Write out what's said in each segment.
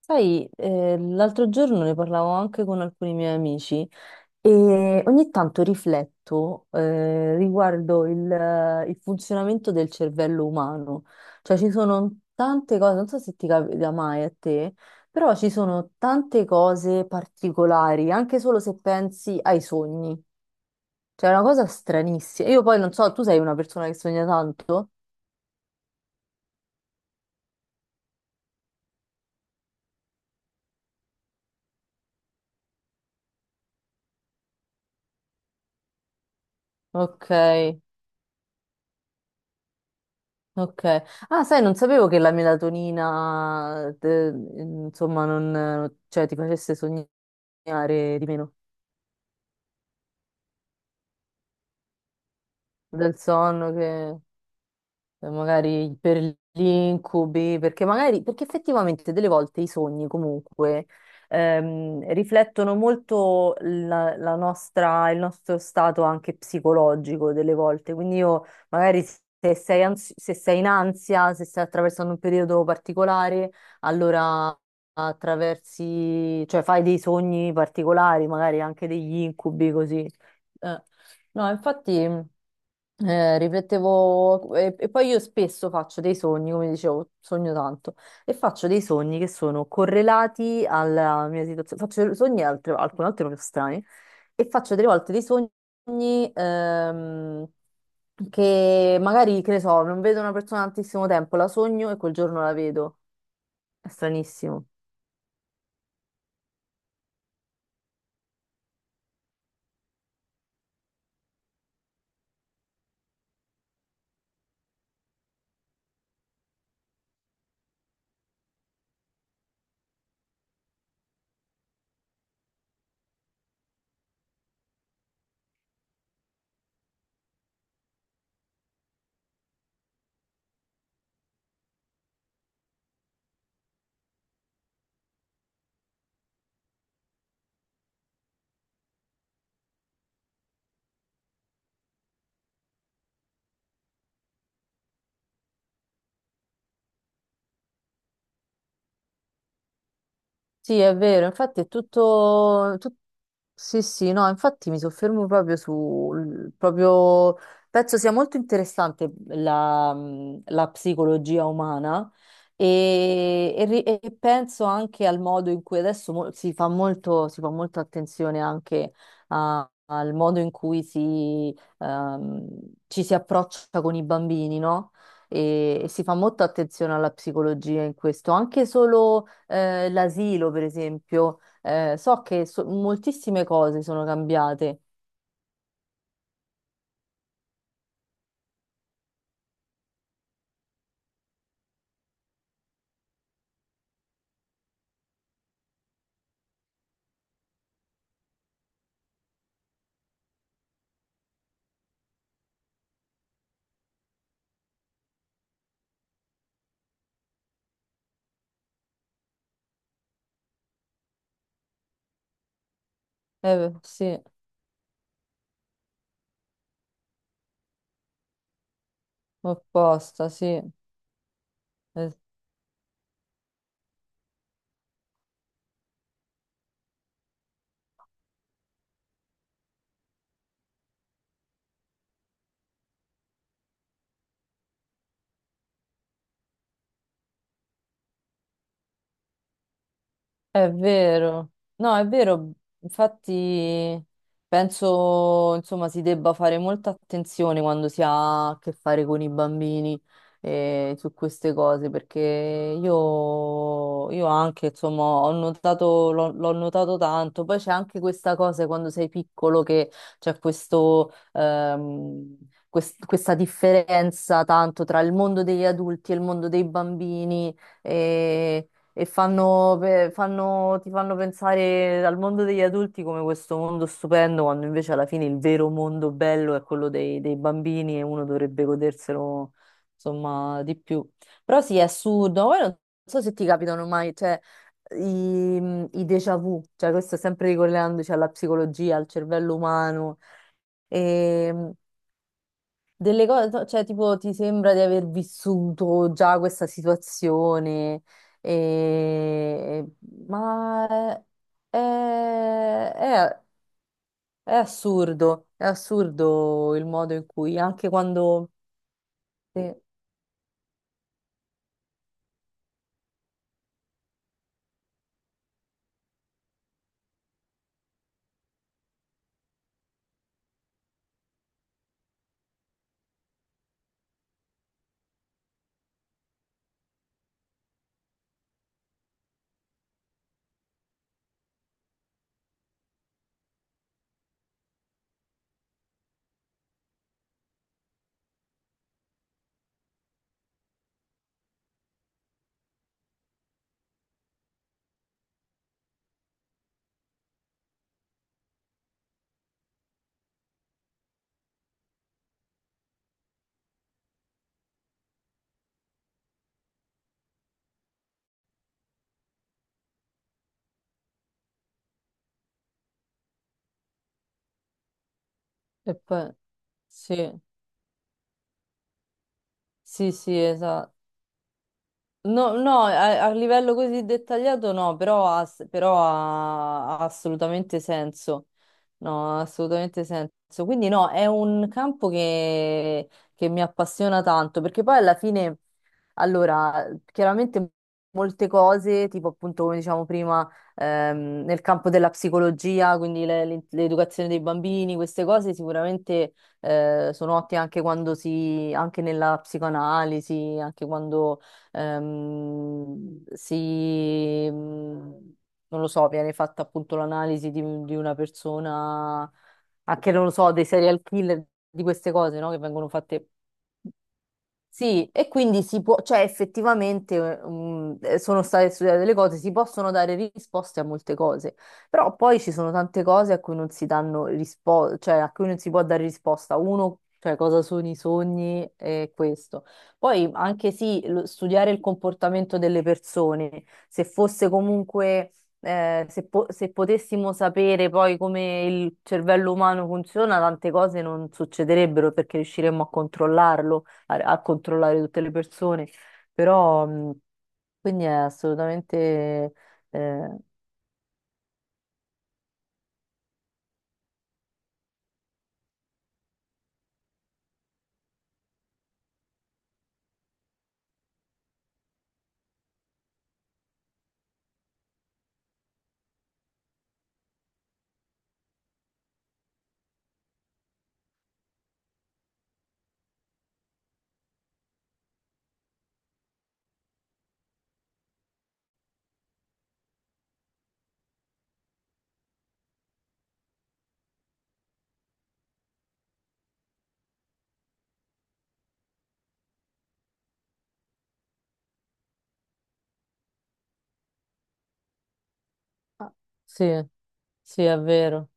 Sai, l'altro giorno ne parlavo anche con alcuni miei amici e ogni tanto rifletto riguardo il funzionamento del cervello umano. Cioè ci sono tante cose, non so se ti capita mai a te, però ci sono tante cose particolari, anche solo se pensi ai sogni. Cioè è una cosa stranissima. Io poi non so, tu sei una persona che sogna tanto? Ok. Ok. Ah, sai, non sapevo che la melatonina, insomma, non, cioè, ti facesse sognare di meno del sonno che... magari per gli incubi, perché magari, perché effettivamente delle volte i sogni comunque riflettono molto la nostra, il nostro stato anche psicologico delle volte, quindi io magari se sei in ansia, se stai attraversando un periodo particolare, allora attraversi, cioè fai dei sogni particolari, magari anche degli incubi così. Eh, No, infatti riflettevo e poi io spesso faccio dei sogni, come dicevo, sogno tanto, e faccio dei sogni che sono correlati alla mia situazione. Faccio alcune volte proprio strani e faccio delle volte dei sogni che magari, che ne so, non vedo una persona da tantissimo tempo, la sogno e quel giorno la vedo. È stranissimo. Sì, è vero, infatti è tutto. Sì, sì, no, infatti mi soffermo proprio sul... proprio... Penso sia molto interessante la psicologia umana e e penso anche al modo in cui adesso si fa molto, si fa molta attenzione anche al modo in cui si, ci si approccia con i bambini, no? E si fa molta attenzione alla psicologia in questo, anche solo l'asilo, per esempio. So che moltissime cose sono cambiate. Sì, apposta, sì. Eh, È vero, no, è vero, infatti penso insomma si debba fare molta attenzione quando si ha a che fare con i bambini su queste cose perché io anche insomma ho notato, l'ho notato tanto, poi c'è anche questa cosa quando sei piccolo che c'è questo, questa differenza tanto tra il mondo degli adulti e il mondo dei bambini. E e fanno, ti fanno pensare al mondo degli adulti come questo mondo stupendo, quando invece alla fine il vero mondo bello è quello dei, dei bambini e uno dovrebbe goderselo, insomma, di più. Però sì, è assurdo. Poi non so se ti capitano mai, cioè, i, i déjà vu, cioè questo sempre ricollegandoci alla psicologia, al cervello umano. Ehm, delle cose, no, cioè, tipo, ti sembra di aver vissuto già questa situazione, e- ma è, è assurdo il modo in cui, anche quando... Sì, e poi- sì, sì, sì, esatto. No, no, a, a livello così dettagliato no, però ha, però ha assolutamente senso. No, ha assolutamente senso. Quindi no, è un campo che mi appassiona tanto, perché poi alla fine, allora, chiaramente molte cose, tipo appunto come diciamo prima, nel campo della psicologia, quindi l'educazione dei bambini, queste cose sicuramente sono ottime anche quando si, anche nella psicoanalisi, anche quando ehm, si, mh, non lo so, viene fatta appunto l'analisi di una persona, anche non lo so, dei serial killer, di queste cose, no? Che vengono fatte sì, e quindi si può, cioè effettivamente sono state studiate delle cose, si possono dare risposte a molte cose, però poi ci sono tante cose a cui non si danno risposta, cioè a cui non si può dare risposta. Uno, cioè cosa sono i sogni e questo. Poi anche sì, studiare il comportamento delle persone, se fosse comunque, se potessimo sapere poi come il cervello umano funziona, tante cose non succederebbero perché riusciremmo a controllarlo a, a controllare tutte le persone, però quindi è assolutamente eh, ah, sì, sì, è vero.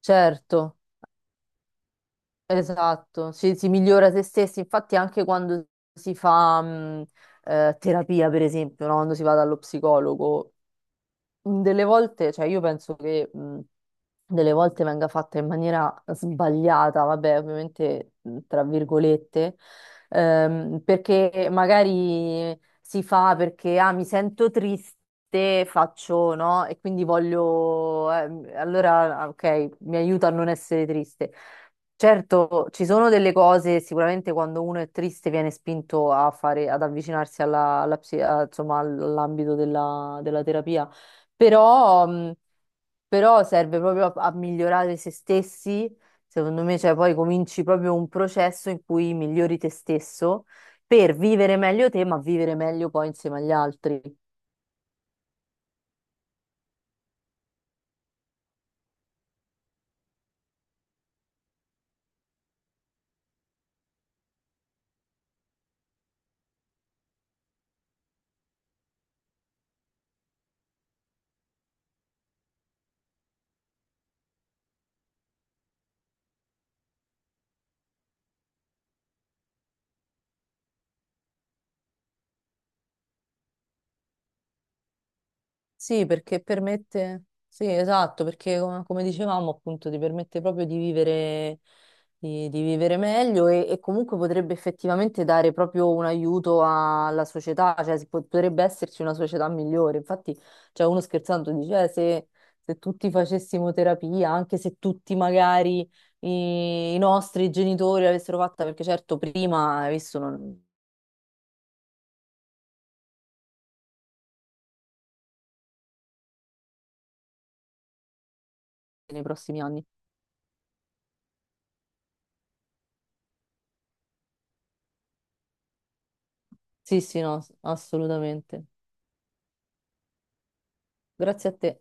Certo, esatto, si migliora se stessi, infatti anche quando si fa terapia, per esempio, no? Quando si va dallo psicologo, delle volte, cioè io penso che delle volte venga fatta in maniera sbagliata, vabbè, ovviamente tra virgolette, perché magari si fa perché ah, mi sento triste. Faccio, no? E quindi voglio, allora, ah, ok, mi aiuta a non essere triste. Certo, ci sono delle cose, sicuramente quando uno è triste viene spinto a fare, ad avvicinarsi alla, insomma, all'ambito della della terapia però, però serve proprio a, a migliorare se stessi, secondo me, cioè poi cominci proprio un processo in cui migliori te stesso per vivere meglio te, ma vivere meglio poi insieme agli altri. Sì, perché permette, sì, esatto, perché come dicevamo appunto ti permette proprio di vivere meglio e comunque potrebbe effettivamente dare proprio un aiuto alla società, cioè potrebbe esserci una società migliore. Infatti, cioè, uno scherzando dice, se, se tutti facessimo terapia, anche se tutti magari i, i nostri genitori l'avessero fatta, perché certo prima, hai visto, non- nei prossimi anni." Sì, sì, no, assolutamente. Grazie a te.